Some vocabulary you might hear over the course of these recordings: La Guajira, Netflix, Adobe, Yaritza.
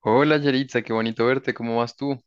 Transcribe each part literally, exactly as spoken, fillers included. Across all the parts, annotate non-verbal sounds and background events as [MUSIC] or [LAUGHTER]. Hola Yaritza, qué bonito verte, ¿cómo vas tú?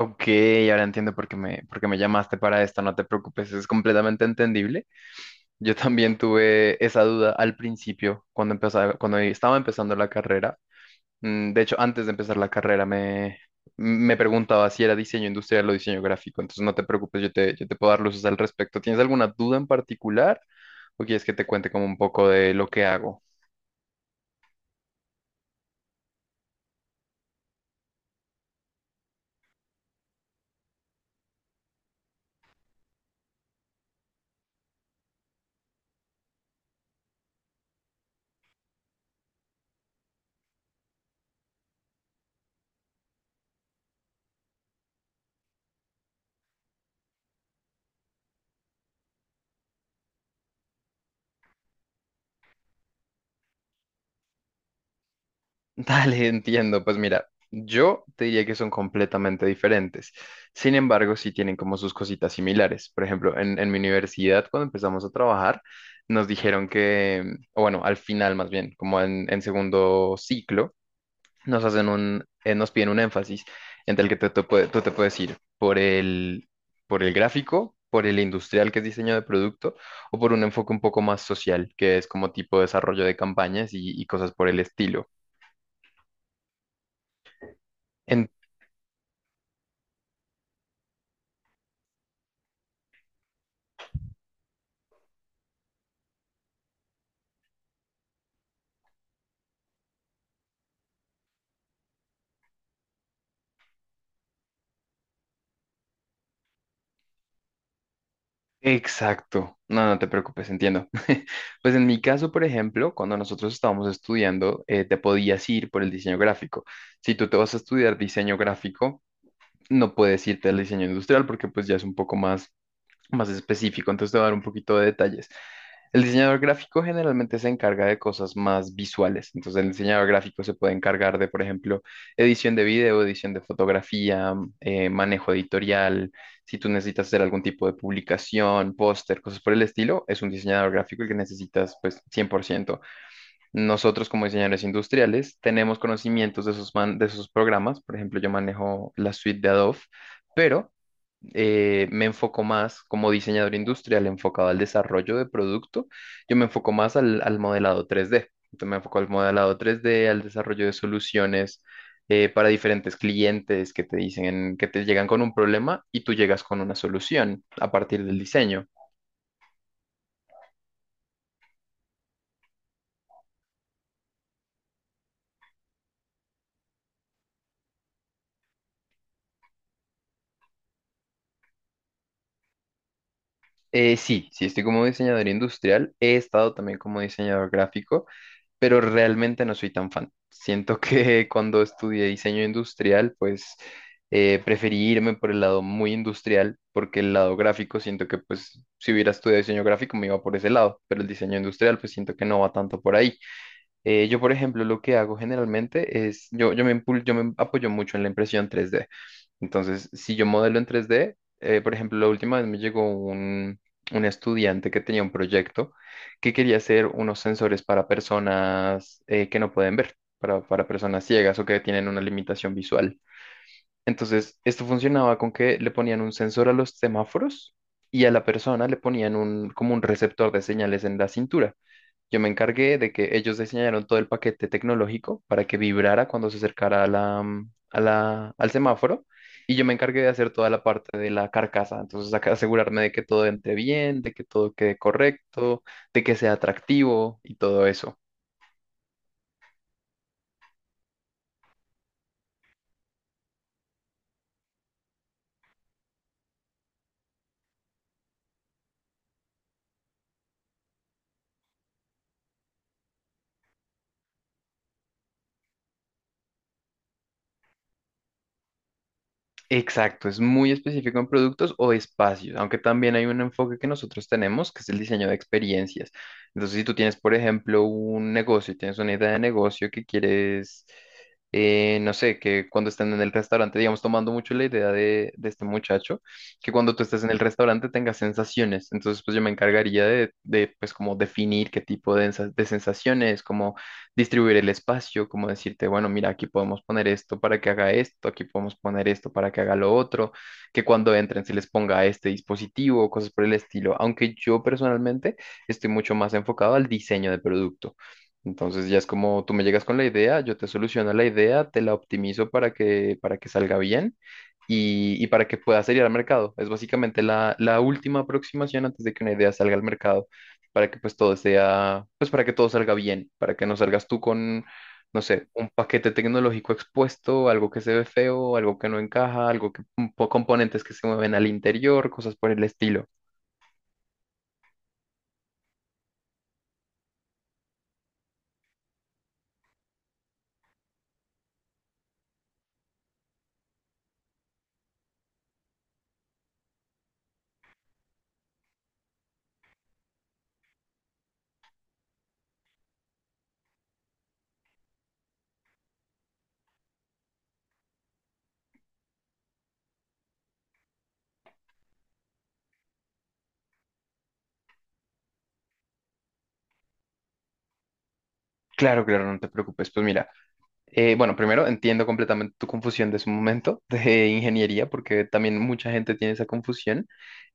Ok, ahora entiendo por qué me, por qué me llamaste para esto, no te preocupes, es completamente entendible. Yo también tuve esa duda al principio, cuando empezaba, cuando estaba empezando la carrera. Mm, de hecho, antes de empezar la carrera me, me preguntaba si era diseño industrial o diseño gráfico, entonces no te preocupes, yo te, yo te puedo dar luces al respecto. ¿Tienes alguna duda en particular o quieres que te cuente como un poco de lo que hago? [LAUGHS] Dale, entiendo. Pues mira, yo te diría que son completamente diferentes. Sin embargo, sí tienen como sus cositas similares. Por ejemplo, en, en mi universidad, cuando empezamos a trabajar, nos dijeron que, o bueno, al final más bien, como en, en segundo ciclo, nos hacen un, eh, nos piden un énfasis entre el que te, te puede- tú te puedes ir por el, por el gráfico, por el industrial, que es diseño de producto, o por un enfoque un poco más social, que es como tipo desarrollo de campañas y y cosas por el estilo. Exacto. No, no te preocupes, entiendo. [LAUGHS] Pues en mi caso, por ejemplo, cuando nosotros estábamos estudiando, eh, te podías ir por el diseño gráfico. Si tú te vas a estudiar diseño gráfico, no puedes irte al diseño industrial porque pues ya es un poco más más específico, entonces te voy a dar un poquito de detalles. El diseñador gráfico generalmente se encarga de cosas más visuales, entonces el diseñador gráfico se puede encargar de, por ejemplo, edición de video, edición de fotografía, eh, manejo editorial, si tú necesitas hacer algún tipo de publicación, póster, cosas por el estilo, es un diseñador gráfico el que necesitas pues cien por ciento. Nosotros como diseñadores industriales tenemos conocimientos de esos, man- de esos programas, por ejemplo, yo manejo la suite de Adobe, pero eh, me enfoco más como diseñador industrial enfocado al desarrollo de producto, yo me enfoco más al, al modelado tres D. Entonces me enfoco al modelado tres D, al desarrollo de soluciones, eh, para diferentes clientes que te dicen, que te llegan con un problema y tú llegas con una solución a partir del diseño. Eh, sí, sí, estoy como diseñador industrial, he estado también como diseñador gráfico, pero realmente no soy tan fan. Siento que [LAUGHS] cuando estudié diseño industrial, pues eh, preferí irme por el lado muy industrial, porque el lado gráfico siento que pues si hubiera estudiado diseño gráfico me iba por ese lado, pero el diseño industrial pues siento que no va tanto por ahí. Eh, yo, por ejemplo, lo que hago generalmente es, yo, yo me, impul- yo me apoyo mucho en la impresión tres d. Entonces, si yo modelo en tres D, eh, por ejemplo, la última vez me llegó un, un estudiante que tenía un proyecto que quería hacer unos sensores para personas eh, que no pueden ver, para, para personas ciegas o que tienen una limitación visual. Entonces, esto funcionaba con que le ponían un sensor a los semáforos y a la persona le ponían un, como un receptor de señales en la cintura. Yo me encargué de que ellos diseñaron todo el paquete tecnológico para que vibrara cuando se acercara a la, mm, a la- al semáforo y yo me encargué de hacer toda la parte de la carcasa. Entonces, acá asegurarme de que todo entre bien, de que todo quede correcto, de que sea atractivo y todo eso. Exacto, es muy específico en productos o espacios, aunque también hay un enfoque que nosotros tenemos, que es el diseño de experiencias. Entonces, si tú tienes, por ejemplo, un negocio, y tienes una idea de negocio que quieres, eh, no sé, que cuando estén en el restaurante, digamos, tomando mucho la idea de, de este muchacho, que cuando tú estés en el restaurante tengas sensaciones. Entonces, pues yo me encargaría de, de, pues, como definir qué tipo de, ensa- de sensaciones, como distribuir el espacio, como decirte, bueno, mira, aquí podemos poner esto para que haga esto, aquí podemos poner esto para que haga lo otro, que cuando entren se les ponga este dispositivo, cosas por el estilo, aunque yo personalmente estoy mucho más enfocado al diseño de producto. Entonces ya es como tú me llegas con la idea, yo te soluciono la idea, te la optimizo para que, para que salga bien y, y para que pueda salir al mercado. Es básicamente la, la última aproximación antes de que una idea salga al mercado para que pues todo sea, pues para que todo salga bien, para que no salgas tú con, no sé, un paquete tecnológico expuesto, algo que se ve feo, algo que no encaja, algo que, po- componentes que se mueven al interior, cosas por el estilo. Claro, claro, no te preocupes. Pues mira. Eh, bueno, primero entiendo completamente tu confusión de su momento [LAUGHS] de ingeniería, porque también mucha gente tiene esa confusión.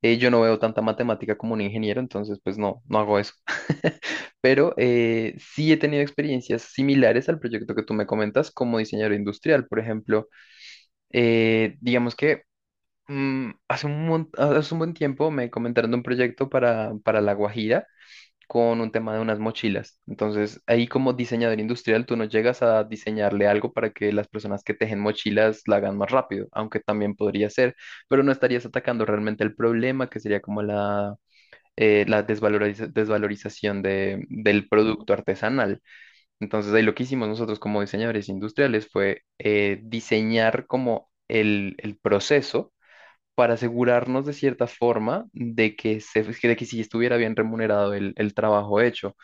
Eh, yo no veo tanta matemática como un ingeniero, entonces pues no, no hago eso. [LAUGHS] Pero eh, sí he tenido experiencias similares al proyecto que tú me comentas como diseñador industrial. Por ejemplo, eh, digamos que mm, hace un, mon- hace un buen tiempo me comentaron de un proyecto para, para La Guajira con un tema de unas mochilas. Entonces, ahí como diseñador industrial, tú no llegas a diseñarle algo para que las personas que tejen mochilas la hagan más rápido, aunque también podría ser, pero no estarías atacando realmente el problema, que sería como la, eh, la desvaloriza- desvalorización de- del producto artesanal. Entonces, ahí lo que hicimos nosotros como diseñadores industriales fue, eh, diseñar como el el proceso para asegurarnos de cierta forma de que, se, de que sí estuviera bien remunerado el, el trabajo hecho.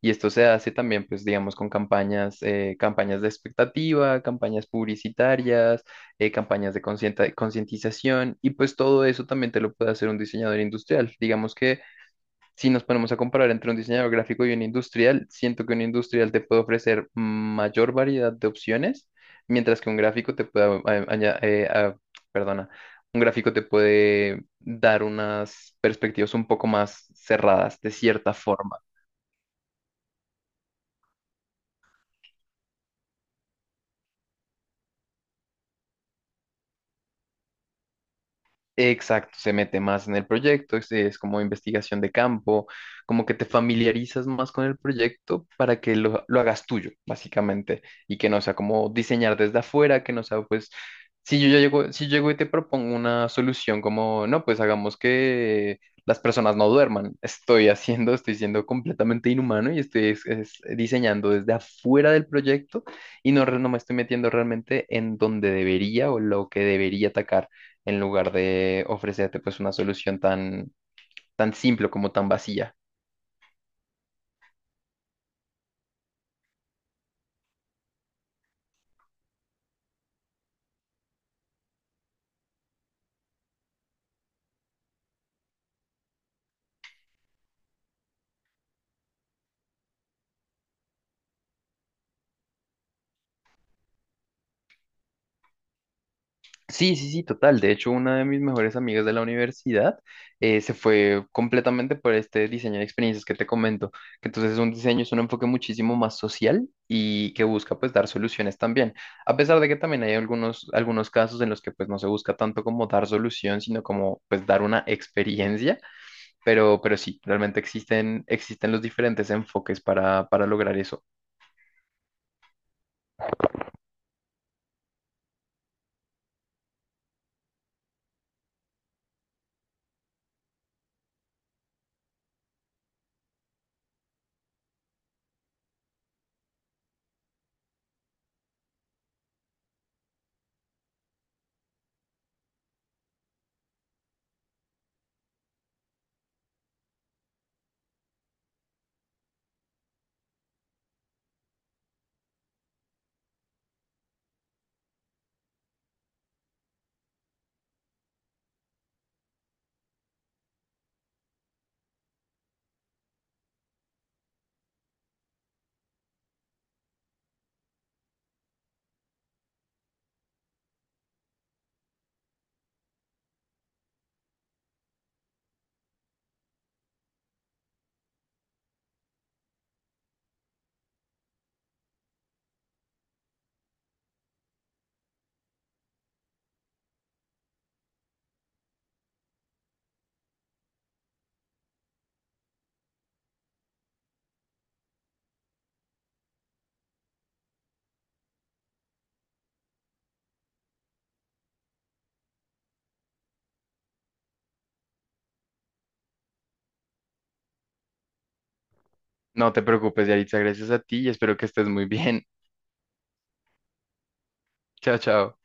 Y esto se hace también, pues, digamos, con campañas, eh, campañas de expectativa, campañas publicitarias, eh, campañas de concienta- concientización, y pues todo eso también te lo puede hacer un diseñador industrial. Digamos que si nos ponemos a comparar entre un diseñador gráfico y un industrial, siento que un industrial te puede ofrecer mayor variedad de opciones, mientras que un gráfico te puede, a- aña- eh, a- perdona, un gráfico te puede dar unas perspectivas un poco más cerradas, de cierta forma. Exacto, se mete más en el proyecto, es, es como investigación de campo, como que te familiarizas más con el proyecto para que lo, lo hagas tuyo, básicamente, y que no sea como diseñar desde afuera, que no sea pues, si yo, ya llego, si llego y te propongo una solución como, no, pues hagamos que las personas no duerman, estoy haciendo, estoy siendo completamente inhumano y estoy es- es diseñando desde afuera del proyecto y no, re- no me estoy metiendo realmente en donde debería o lo que debería atacar en lugar de ofrecerte pues una solución tan, tan simple como tan vacía. Sí, sí, sí, total. De hecho, una de mis mejores amigas de la universidad, eh, se fue completamente por este diseño de experiencias que te comento, que entonces es un diseño, es un enfoque muchísimo más social y que busca pues dar soluciones también. A pesar de que también hay algunos, algunos casos en los que pues no se busca tanto como dar solución, sino como pues dar una experiencia, pero, pero sí, realmente existen, existen los diferentes enfoques para, para lograr eso. No te preocupes, Yaritza, gracias a ti y espero que estés muy bien. [LAUGHS] Chao, chao.